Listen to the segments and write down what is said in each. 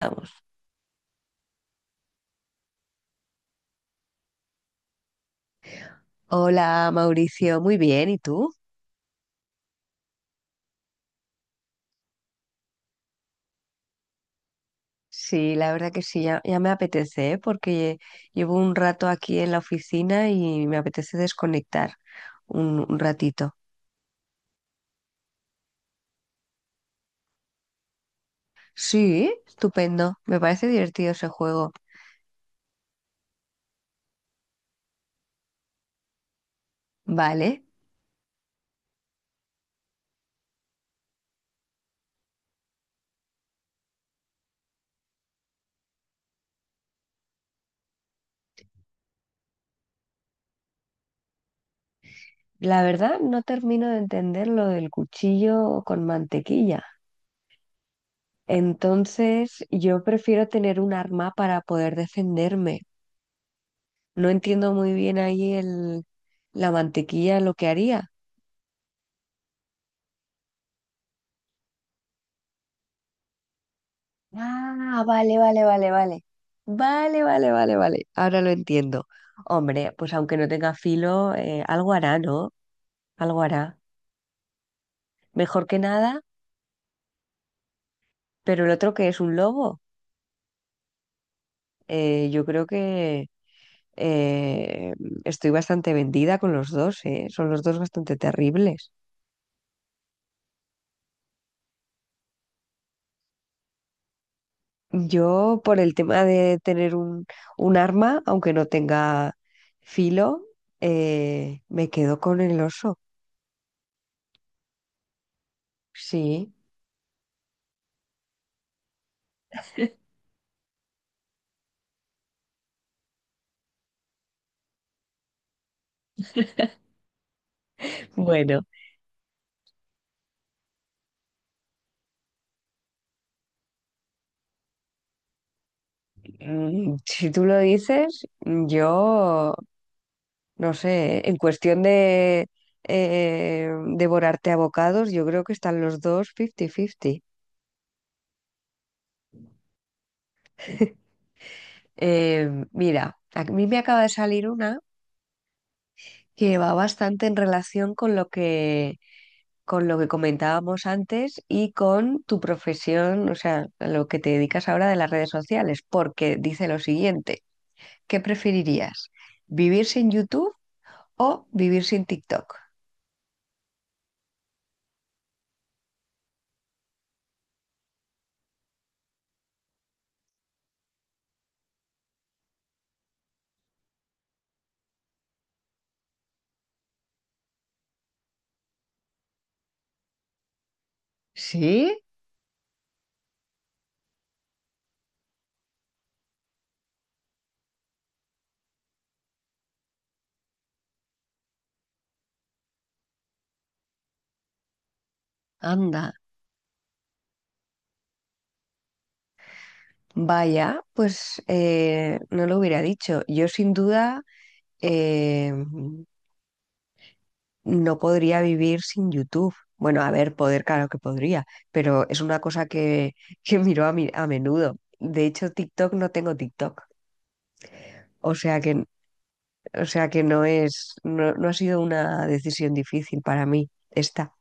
Vamos. Hola Mauricio, muy bien, ¿y tú? Sí, la verdad que sí, ya me apetece, ¿eh? Porque llevo un rato aquí en la oficina y me apetece desconectar un ratito. Sí, estupendo, me parece divertido ese juego. Vale, la verdad no termino de entender lo del cuchillo con mantequilla. Entonces, yo prefiero tener un arma para poder defenderme. No entiendo muy bien ahí la mantequilla lo que haría. Ah, vale, vale, vale, vale. Vale, vale, vale, vale. Ahora lo entiendo. Hombre, pues aunque no tenga filo, algo hará, ¿no? Algo hará. Mejor que nada, pero el otro que es un lobo, yo creo que eh, estoy bastante vendida con los dos, ¿eh? Son los dos bastante terribles. Yo, por el tema de tener un arma, aunque no tenga filo, me quedo con el oso. Sí. Bueno. Si tú lo dices, yo no sé, en cuestión de eh, devorarte a bocados, yo creo que están los dos 50-50. Mira, a mí me acaba de salir una que va bastante en relación con lo que comentábamos antes y con tu profesión, o sea, a lo que te dedicas ahora de las redes sociales, porque dice lo siguiente, ¿qué preferirías? ¿Vivir sin YouTube o vivir sin TikTok? ¿Sí? Anda, vaya, pues no lo hubiera dicho. Yo sin duda eh, no podría vivir sin YouTube. Bueno, a ver, poder, claro que podría, pero es una cosa que, que miro a menudo. De hecho, TikTok no tengo TikTok. O sea que, o sea que no es, no, no ha sido una decisión difícil para mí.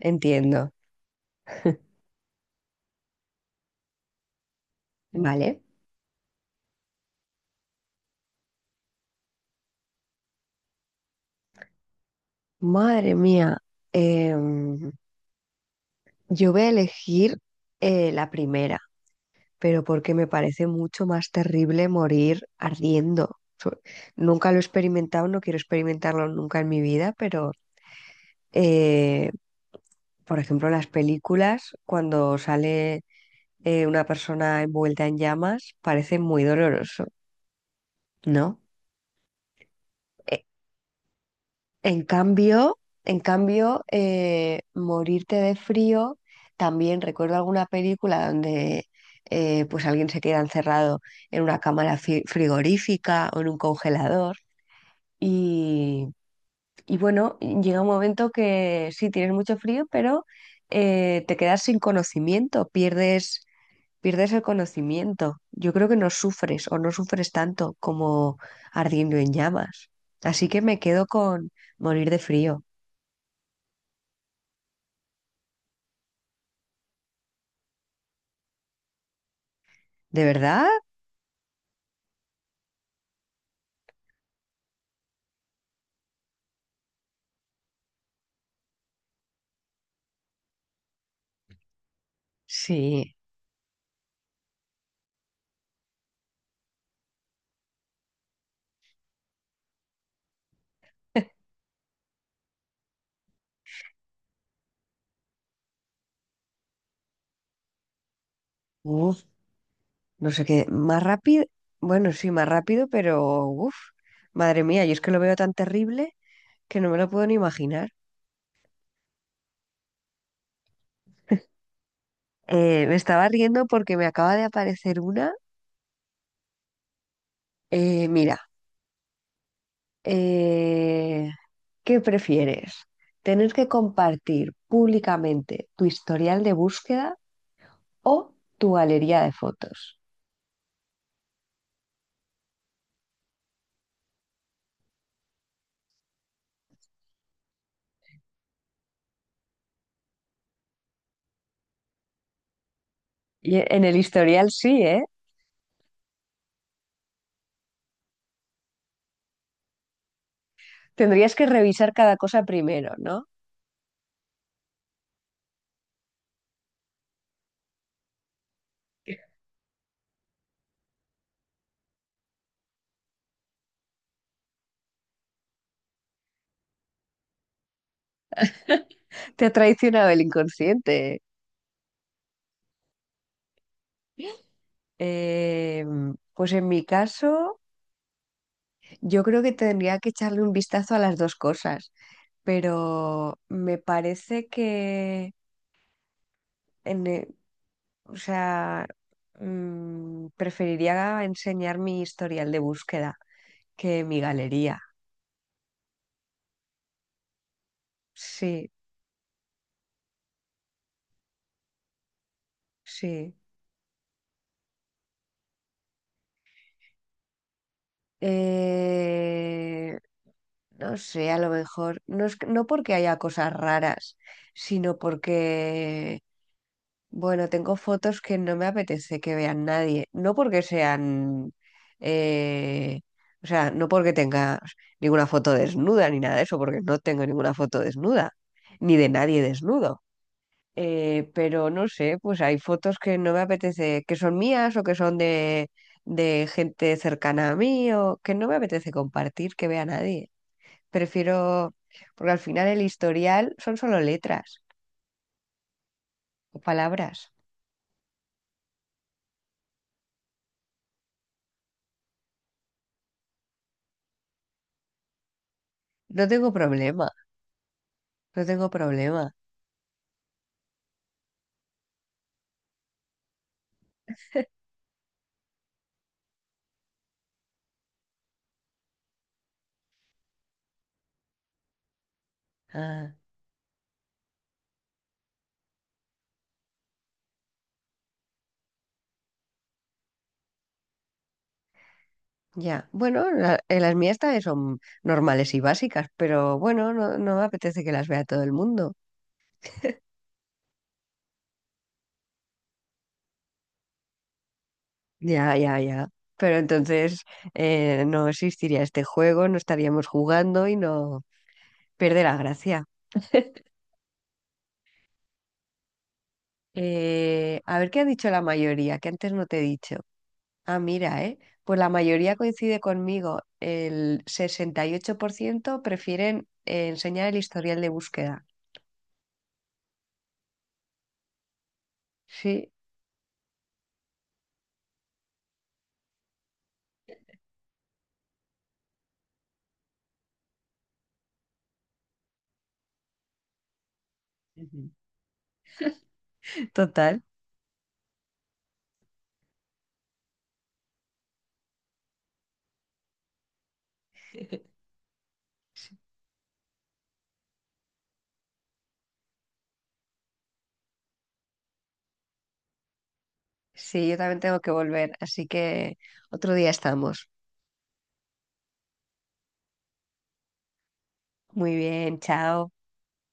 Entiendo. Vale. Madre mía, em, yo voy a elegir la primera. Pero porque me parece mucho más terrible morir ardiendo. Nunca lo he experimentado, no quiero experimentarlo nunca en mi vida, pero eh, por ejemplo, en las películas, cuando sale una persona envuelta en llamas, parece muy doloroso, ¿no? E- En cambio, morirte de frío, también recuerdo alguna película donde pues alguien se queda encerrado en una cámara frigorífica o en un congelador. Y, y bueno, llega un momento que sí, tienes mucho frío, pero te quedas sin conocimiento, pierdes el conocimiento. Yo creo que no sufres o no sufres tanto como ardiendo en llamas. Así que me quedo con morir de frío. ¿De verdad? Sí. Uf, no sé qué. Más rápido. Bueno, sí, más rápido, pero uf. Madre mía, yo es que lo veo tan terrible que no me lo puedo ni imaginar. Me estaba riendo porque me acaba de aparecer una. Mira, eh, ¿qué prefieres? ¿Tener que compartir públicamente tu historial de búsqueda o tu galería de fotos? Y en el historial sí, ¿eh? Tendrías que revisar cada cosa primero, ¿no? Te ha traicionado el inconsciente. Eh, pues en mi caso, yo creo que tendría que echarle un vistazo a las dos cosas, pero me parece que en, eh, o sea, preferiría enseñar mi historial de búsqueda que mi galería. Sí, sí. Eh, no sé, a lo mejor, no es, no porque haya cosas raras, sino porque, bueno, tengo fotos que no me apetece que vean nadie. No porque eh, o sea, no porque tenga ninguna foto desnuda ni nada de eso, porque no tengo ninguna foto desnuda, ni de nadie desnudo. Pero no sé, pues hay fotos que no me apetece, que son mías o que son de gente cercana a mí o que no me apetece compartir, que vea nadie. Prefiero, porque al final el historial son solo letras o palabras. No tengo problema, no tengo problema. Ah, ya. Bueno, las mías también son normales y básicas, pero bueno, no, no me apetece que las vea todo el mundo. Ya, ya, ya. Pero entonces no existiría este juego, no estaríamos jugando y no pierde la gracia. A ver qué ha dicho la mayoría, que antes no te he dicho. Ah, mira, ¿eh? Pues la mayoría coincide conmigo. El 68% prefieren enseñar el historial de búsqueda. Sí, Ujú. Total. Sí, yo también tengo que volver, así que otro día estamos. Muy bien, chao.